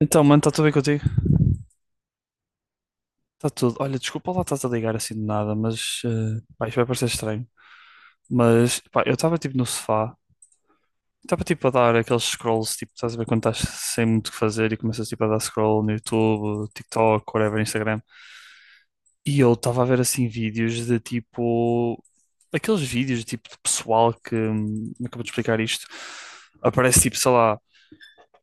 Então, mano, está tudo bem contigo? Está tudo. Olha, desculpa lá estás a ligar assim de nada, mas pá, isto vai parecer estranho. Mas pá, eu estava tipo no sofá, estava tipo a dar aqueles scrolls, tipo, estás a ver quando estás sem muito o que fazer e começas tipo a dar scroll no YouTube, TikTok, whatever, Instagram. E eu estava a ver assim vídeos de tipo aqueles vídeos tipo de pessoal que me acabou de explicar isto. Aparece tipo, sei lá,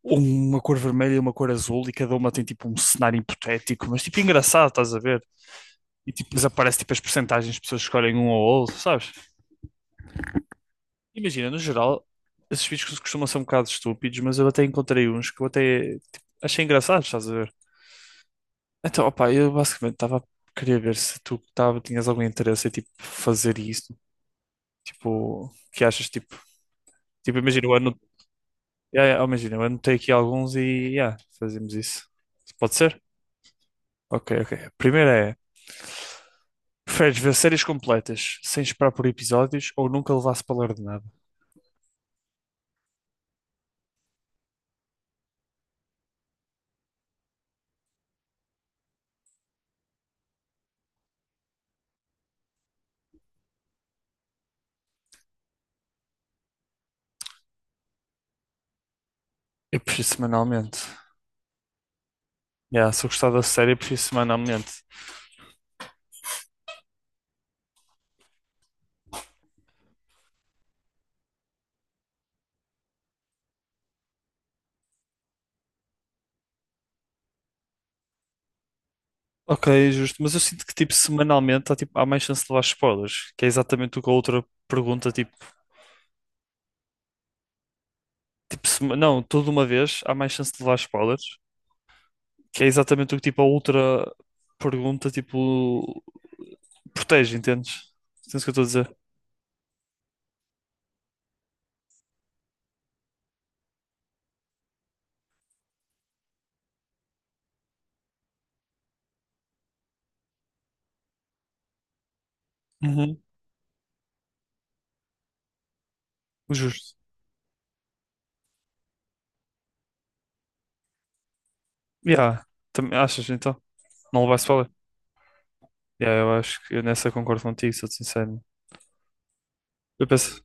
uma cor vermelha e uma cor azul e cada uma tem tipo um cenário hipotético, mas tipo engraçado, estás a ver? E tipo, depois aparece tipo as percentagens de pessoas que escolhem um ou outro, sabes? Imagina, no geral, esses vídeos costumam ser um bocado estúpidos, mas eu até encontrei uns que eu até tipo, achei engraçados, estás a ver? Então, opá, eu basicamente estava queria ver se tu tava, tinhas algum interesse em tipo fazer isto, tipo, que achas tipo, tipo, imagina, eu anotei, yeah, yeah, imagina, eu anotei aqui alguns e yeah, fazemos isso. Pode ser? Ok, ok. A primeira é preferes ver séries completas sem esperar por episódios ou nunca levar spoiler de nada? Eu prefiro semanalmente. Yeah, se eu gostar da série, eu prefiro semanalmente. Ok, justo. Mas eu sinto que, tipo, semanalmente há, tipo, há mais chance de levar spoilers. Que é exatamente o que a outra pergunta, tipo... Não, toda uma vez há mais chance de levar spoilers. Que é exatamente o que, tipo, a outra pergunta, tipo... Protege, entendes? Entendes o que eu estou a dizer? Justo. Yeah. Também achas então? Não levaste para ler? Yeah, eu acho que eu nessa concordo contigo, sou-te sincero. Eu penso,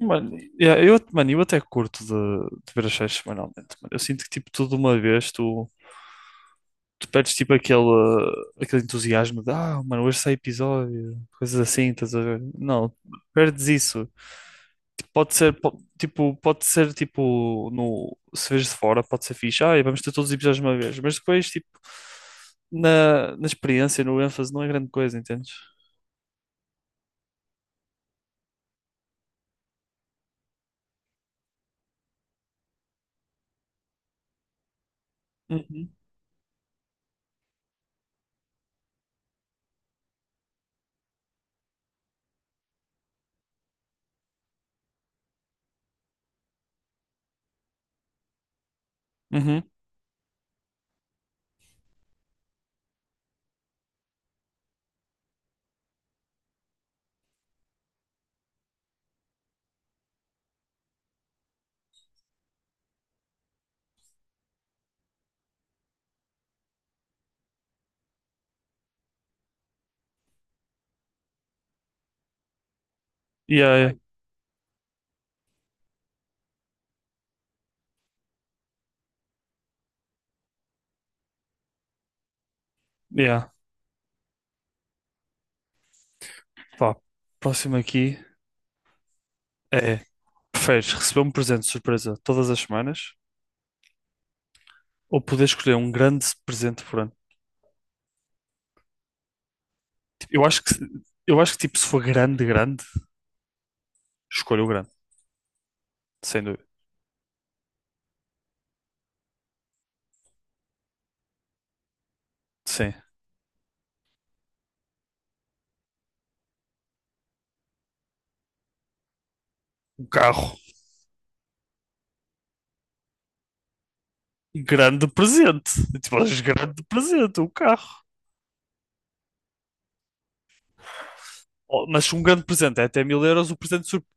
mano, yeah, eu, mano, eu até curto de ver as séries semanalmente. Mano. Eu sinto que tipo tudo de uma vez tu, tu perdes tipo aquele, aquele entusiasmo de ah, mano, hoje sai episódio, coisas assim, estás a ver? Não, perdes isso. Tipo, pode ser, tipo, pode ser tipo, no, se vês de fora, pode ser fixe. Ah, vamos ter todos os episódios de uma vez. Mas depois, tipo, na experiência, no ênfase, não é grande coisa, entendes? Uhum. Uhum. Yeah, yeah. Yeah. Pá, próximo aqui é: preferes receber um presente de surpresa todas as semanas ou poder escolher um grande presente por ano? Tipo, eu acho que tipo, se for grande, grande, escolho o grande, sem dúvida. Sim, um carro, grande presente. Tipo, grande presente, um carro. Oh, mas se um grande presente é até mil euros, o presente surpresa.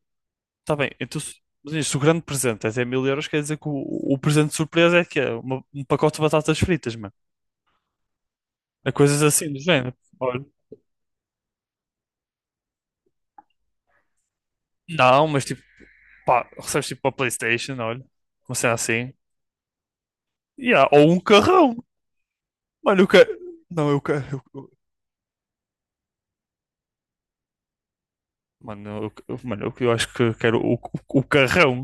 Está bem, então se mas se o grande presente é até mil euros, quer dizer que o presente surpresa é que é uma- um pacote de batatas fritas, mano. É coisas assim do género. Olha, não, mas tipo, pá, recebes tipo uma PlayStation, olha, uma cena assim. Yeah, ou um carrão. Mano, eu quero. Não, eu quero. Mano, eu, mano, eu acho que eu quero o carrão.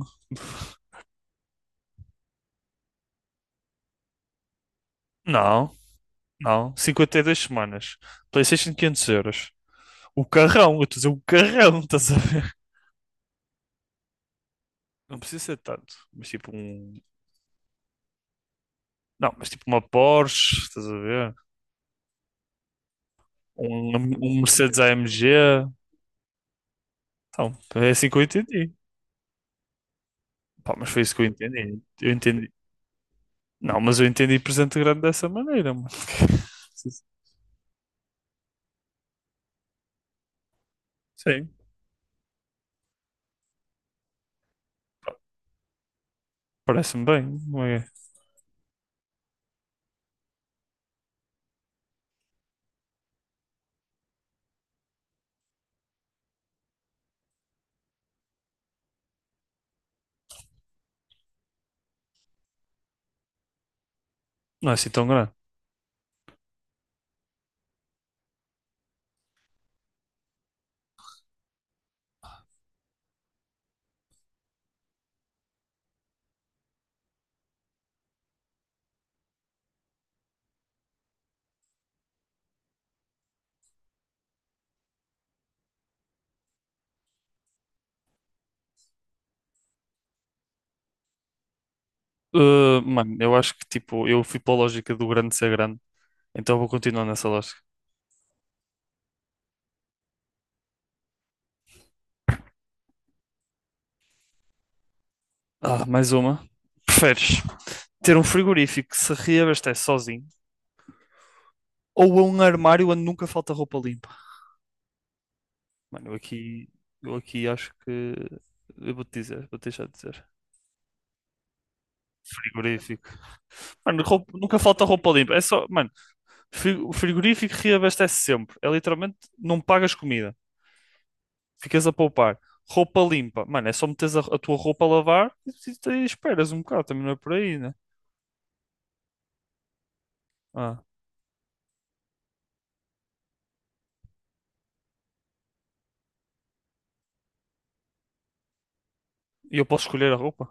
Não, não. 52 semanas. PlayStation 500€. O carrão, eu estou a dizer o carrão, estás a ver? Não precisa ser tanto, mas tipo um. Não, mas tipo uma Porsche, estás a ver? Um, um Mercedes AMG. Então, é assim que eu entendi. Pá, mas foi isso que eu entendi. Eu entendi. Não, mas eu entendi presente grande dessa maneira, mano. Sim, parece-me bem. Não é, não é assim tão grande. Mano, eu acho que tipo, eu fui para a lógica do grande ser grande, então vou continuar nessa lógica. Ah, mais uma. Preferes ter um frigorífico que se reabastece sozinho ou um armário onde nunca falta roupa limpa? Mano, eu aqui acho que. Eu vou-te dizer, vou deixar de dizer. Frigorífico. Mano, nunca falta roupa limpa. É só, mano, o frigorífico reabastece sempre. É literalmente, não pagas comida. Ficas a poupar. Roupa limpa. Mano, é só meteres a tua roupa a lavar e, e esperas um bocado. Também não é por aí, né? Ah, e eu posso escolher a roupa?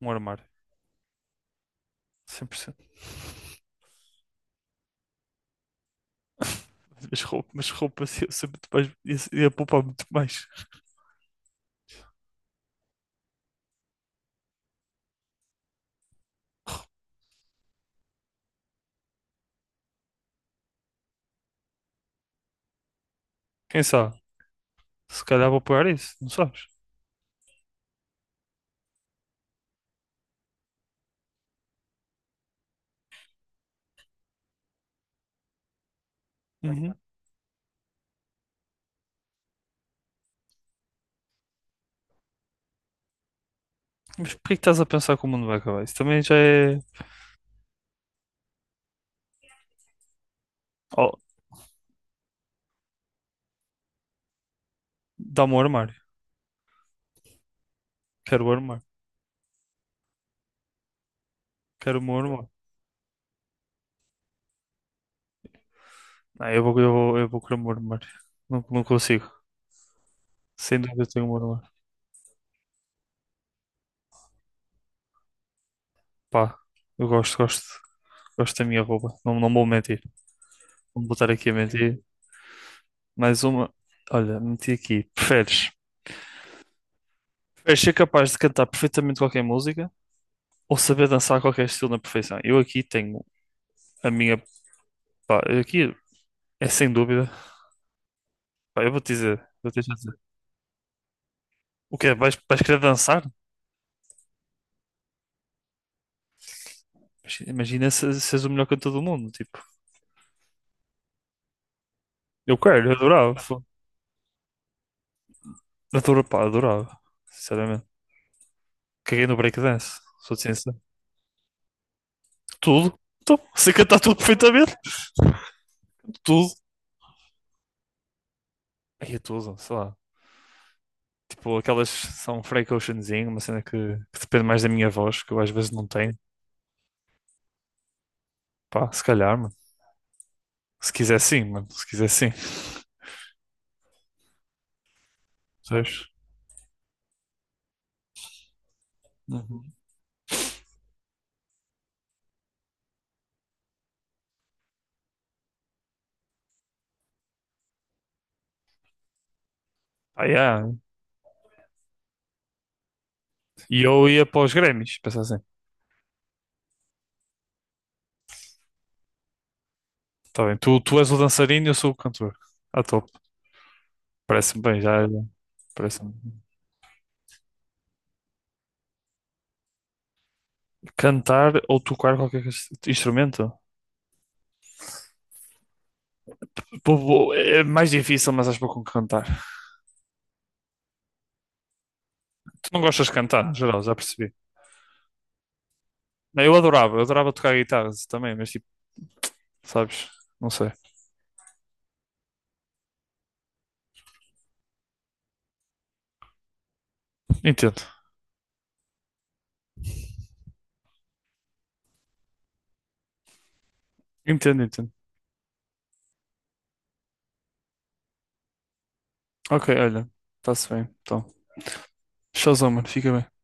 Um armário. 100%. Mas roupa assim, eu sei muito mais, ia, ia poupar muito mais. Quem sabe? Se calhar vou pagar isso, não sabes? Mas porquê que estás a pensar que o mundo vai acabar? Isso também já é. Oh, dá-me o armário. Quero o armário. Quero o meu armário. Não, eu vou querer o meu armário. Não, não consigo. Sem dúvida eu tenho o meu armário. Pá, eu gosto, gosto. Gosto da minha roupa. Não, não vou mentir. Não vou estar aqui a mentir. Mais uma. Olha, meti aqui. Preferes? Preferes ser capaz de cantar perfeitamente qualquer música ou saber dançar qualquer estilo na perfeição? Eu aqui tenho a minha. Pá, aqui é sem dúvida. Pá, eu vou te dizer. Vou te dizer. O quê? Vais, vais querer dançar? Imagina se és o melhor cantor do mundo, tipo. Eu quero, eu adorava. Adorava, pá, adorava. Sinceramente. Caguei no breakdance, sou de ciência. Tudo. Tudo. Sei cantar tudo perfeitamente. Tudo. Aí é tudo, sei lá. Tipo, aquelas são free cautionzinho, uma cena que depende mais da minha voz, que eu às vezes não tenho. Pá, se calhar, mano. Se quiser sim, mano. Se quiser sim. Sabes? Uhum. Ah, yeah. E eu ia para os Grammys, pensar assim. Tá bem, tu és o dançarino e eu sou o cantor. Ah, top. Parece-me bem, já. Parece-me. Cantar ou tocar qualquer instrumento? É mais difícil, mas acho pouco com cantar. Tu não gostas de cantar, no geral, já percebi. Não, eu adorava tocar guitarra também, mas tipo, sabes? Não sei. Entendo. Entendo. Ok, olha, está-se bem. Então, showzão, mano, fica bem.